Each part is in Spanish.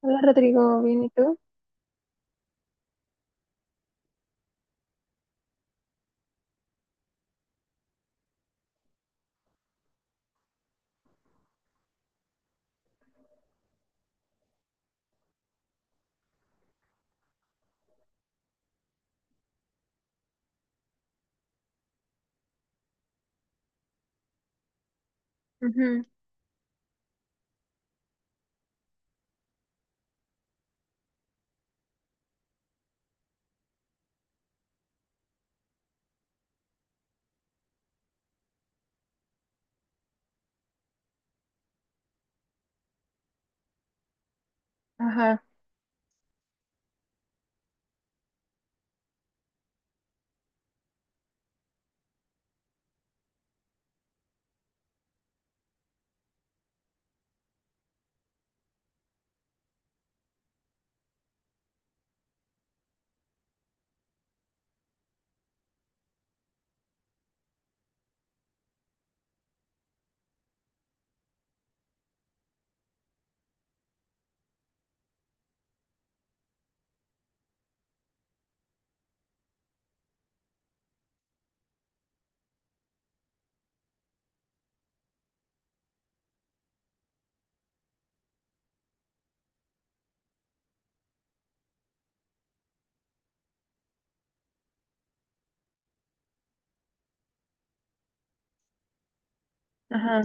Hola Rodrigo, ¿bien y tú? Ujú. Ajá, ajá.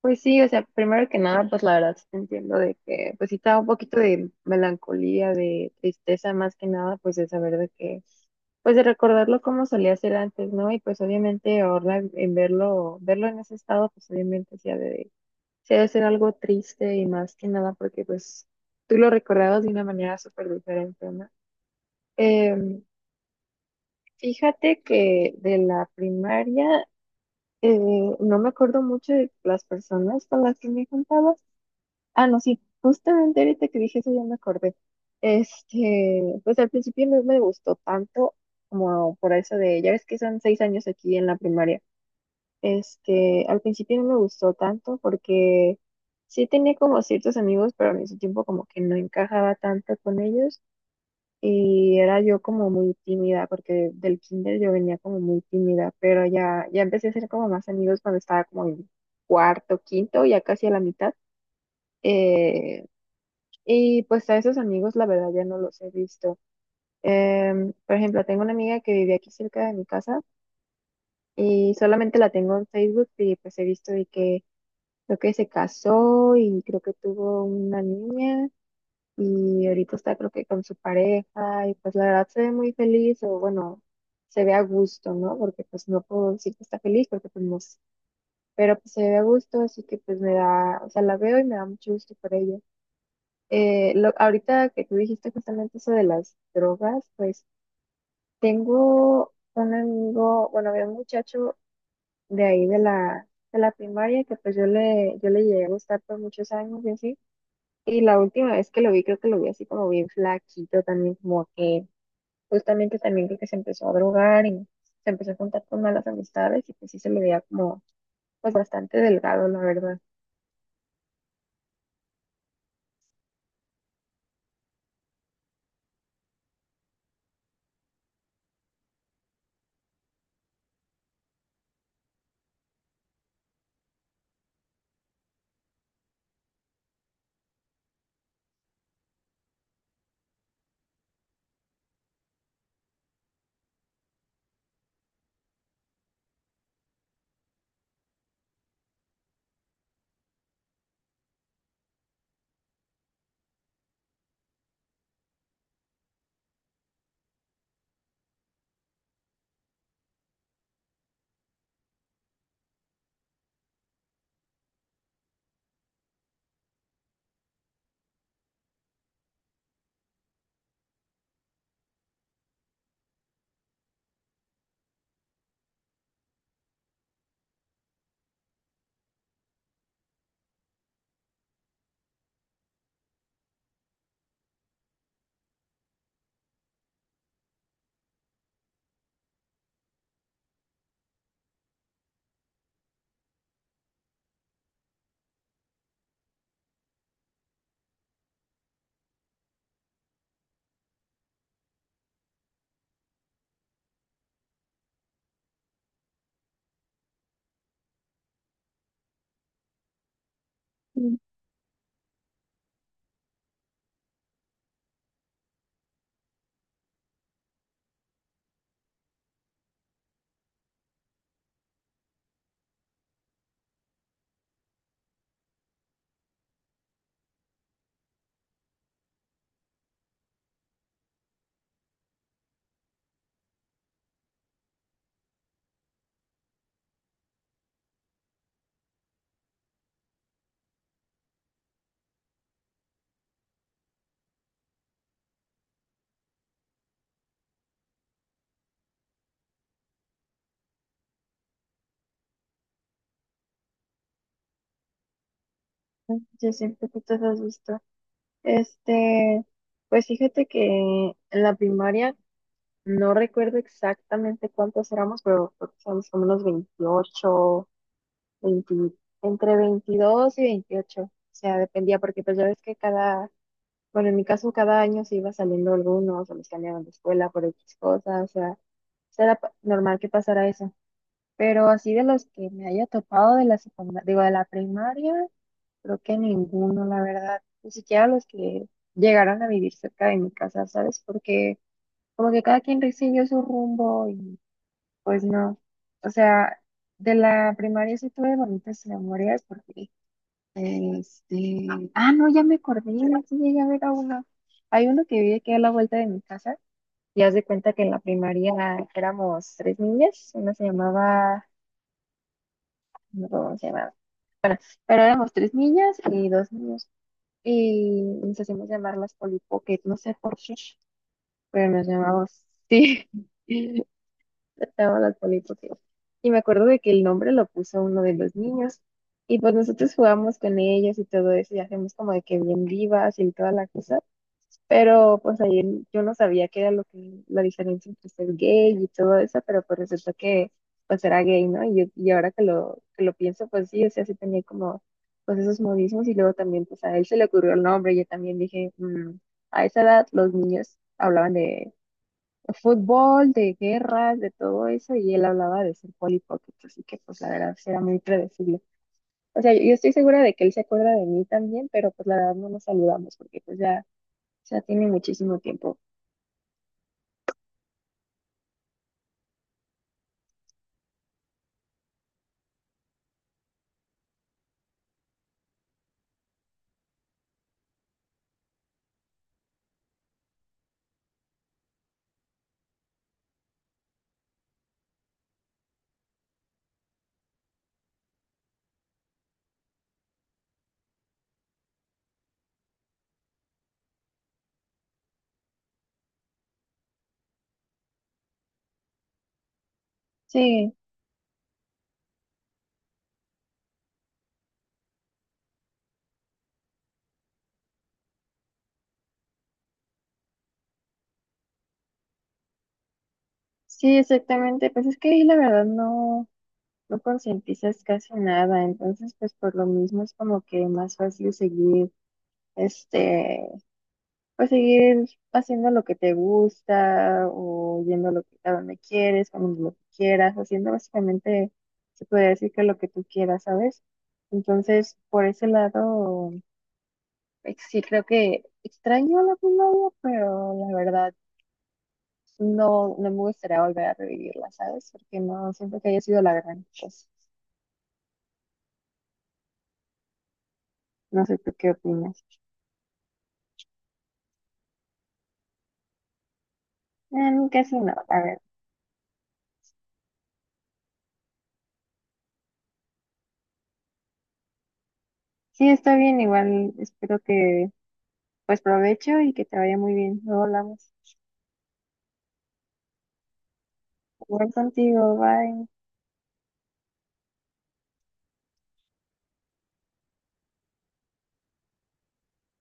Pues sí, o sea, primero que nada, pues la verdad sí te entiendo de que, pues sí estaba un poquito de melancolía, de tristeza más que nada, pues de saber de que, pues de recordarlo como solía ser antes, ¿no? Y pues obviamente ahora en verlo, verlo en ese estado, pues obviamente sí ha de ser algo triste y más que nada porque pues tú lo recordabas de una manera súper diferente, ¿no? Em, Fíjate que de la primaria eh, no me acuerdo mucho de las personas con las que me juntaba. Ah, no, sí, justamente ahorita que dije eso ya me acordé. Este, pues al principio no me gustó tanto como por eso de, ya ves que son seis años aquí en la primaria. Este, al principio no me gustó tanto porque sí tenía como ciertos amigos, pero al mismo tiempo como que no encajaba tanto con ellos. Y era yo como muy tímida, porque del kinder yo venía como muy tímida, pero ya empecé a hacer como más amigos cuando estaba como en cuarto, quinto, ya casi a la mitad. Eh, y pues a esos amigos la verdad ya no los he visto. Por ejemplo, tengo una amiga que vive aquí cerca de mi casa y solamente la tengo en Facebook y pues he visto de que creo que se casó y creo que tuvo una niña. Y ahorita está creo que con su pareja y pues la verdad se ve muy feliz o bueno, se ve a gusto, ¿no? Porque pues no puedo decir que está feliz porque pues no sé, pero pues se ve a gusto, así que pues me da, o sea, la veo y me da mucho gusto por ella. Ahorita que tú dijiste justamente eso de las drogas, pues tengo un amigo, bueno, había un muchacho de ahí de la primaria que pues yo le llegué a gustar por muchos años y así. Y la última vez que lo vi, creo que lo vi así como bien flaquito también, como que justamente también creo que se empezó a drogar y se empezó a juntar con malas amistades y pues sí se me veía como pues bastante delgado, la verdad. Mm. Yo siempre que te has visto. Este, pues fíjate que en la primaria no recuerdo exactamente cuántos éramos, pero creo que éramos como unos veintiocho, 20, entre 22 y veintiocho. O sea, dependía, porque pues ya ves que cada, bueno, en mi caso, cada año se iba saliendo algunos, o los cambiaban de escuela por X cosas, o sea, era normal que pasara eso. Pero así de los que me haya topado de la secundaria, digo, de la primaria, creo que ninguno, la verdad. Ni siquiera los que llegaron a vivir cerca de mi casa, ¿sabes? Porque como que cada quien siguió su rumbo y pues no. O sea, de la primaria sí tuve bonitas memorias porque este, ah, no, ya me acordé, sí llegué a ver a uno. Hay uno que vive aquí a la vuelta de mi casa, y haz de cuenta que en la primaria éramos tres niñas, una se llamaba, no me acuerdo cómo se llamaba, pero éramos tres niñas y dos niños, y nos hacíamos llamar las Polly, no sé por qué, pero nos llamamos, sí. Estaba las polipotes. Y me acuerdo de que el nombre lo puso uno de los niños. Y pues nosotros jugamos con ellos y todo eso, y hacemos como de que bien vivas y toda la cosa. Pero pues ahí yo no sabía qué era lo que, la diferencia entre ser gay y todo eso, pero pues resultó que pues era gay, ¿no? Y ahora que que lo pienso, pues sí, o sea, sí tenía como pues esos modismos y luego también pues a él se le ocurrió el nombre, yo también dije, "Mm, a esa edad los niños hablaban de fútbol, de guerras, de todo eso, y él hablaba de ser polipocket, así que pues la verdad sí era muy predecible. O sea, yo estoy segura de que él se acuerda de mí también, pero pues la verdad no nos saludamos porque pues ya tiene muchísimo tiempo. Sí, sí, exactamente. Pues es que ahí la verdad no, no concientizas casi nada, entonces pues por lo mismo es como que más fácil seguir este pues seguir haciendo lo que te gusta o yendo a, a donde quieres, cuando lo que quieras, haciendo básicamente, se podría decir que lo que tú quieras, ¿sabes? Entonces, por ese lado, sí creo que extraño la primaria, pero la verdad no, no me gustaría volver a revivirla, ¿sabes? Porque no siento que haya sido la gran cosa. No sé tú qué opinas. En caso no, a ver. Sí, está bien, igual espero que pues provecho y que te vaya muy bien. Luego hablamos. Jugar contigo, bye.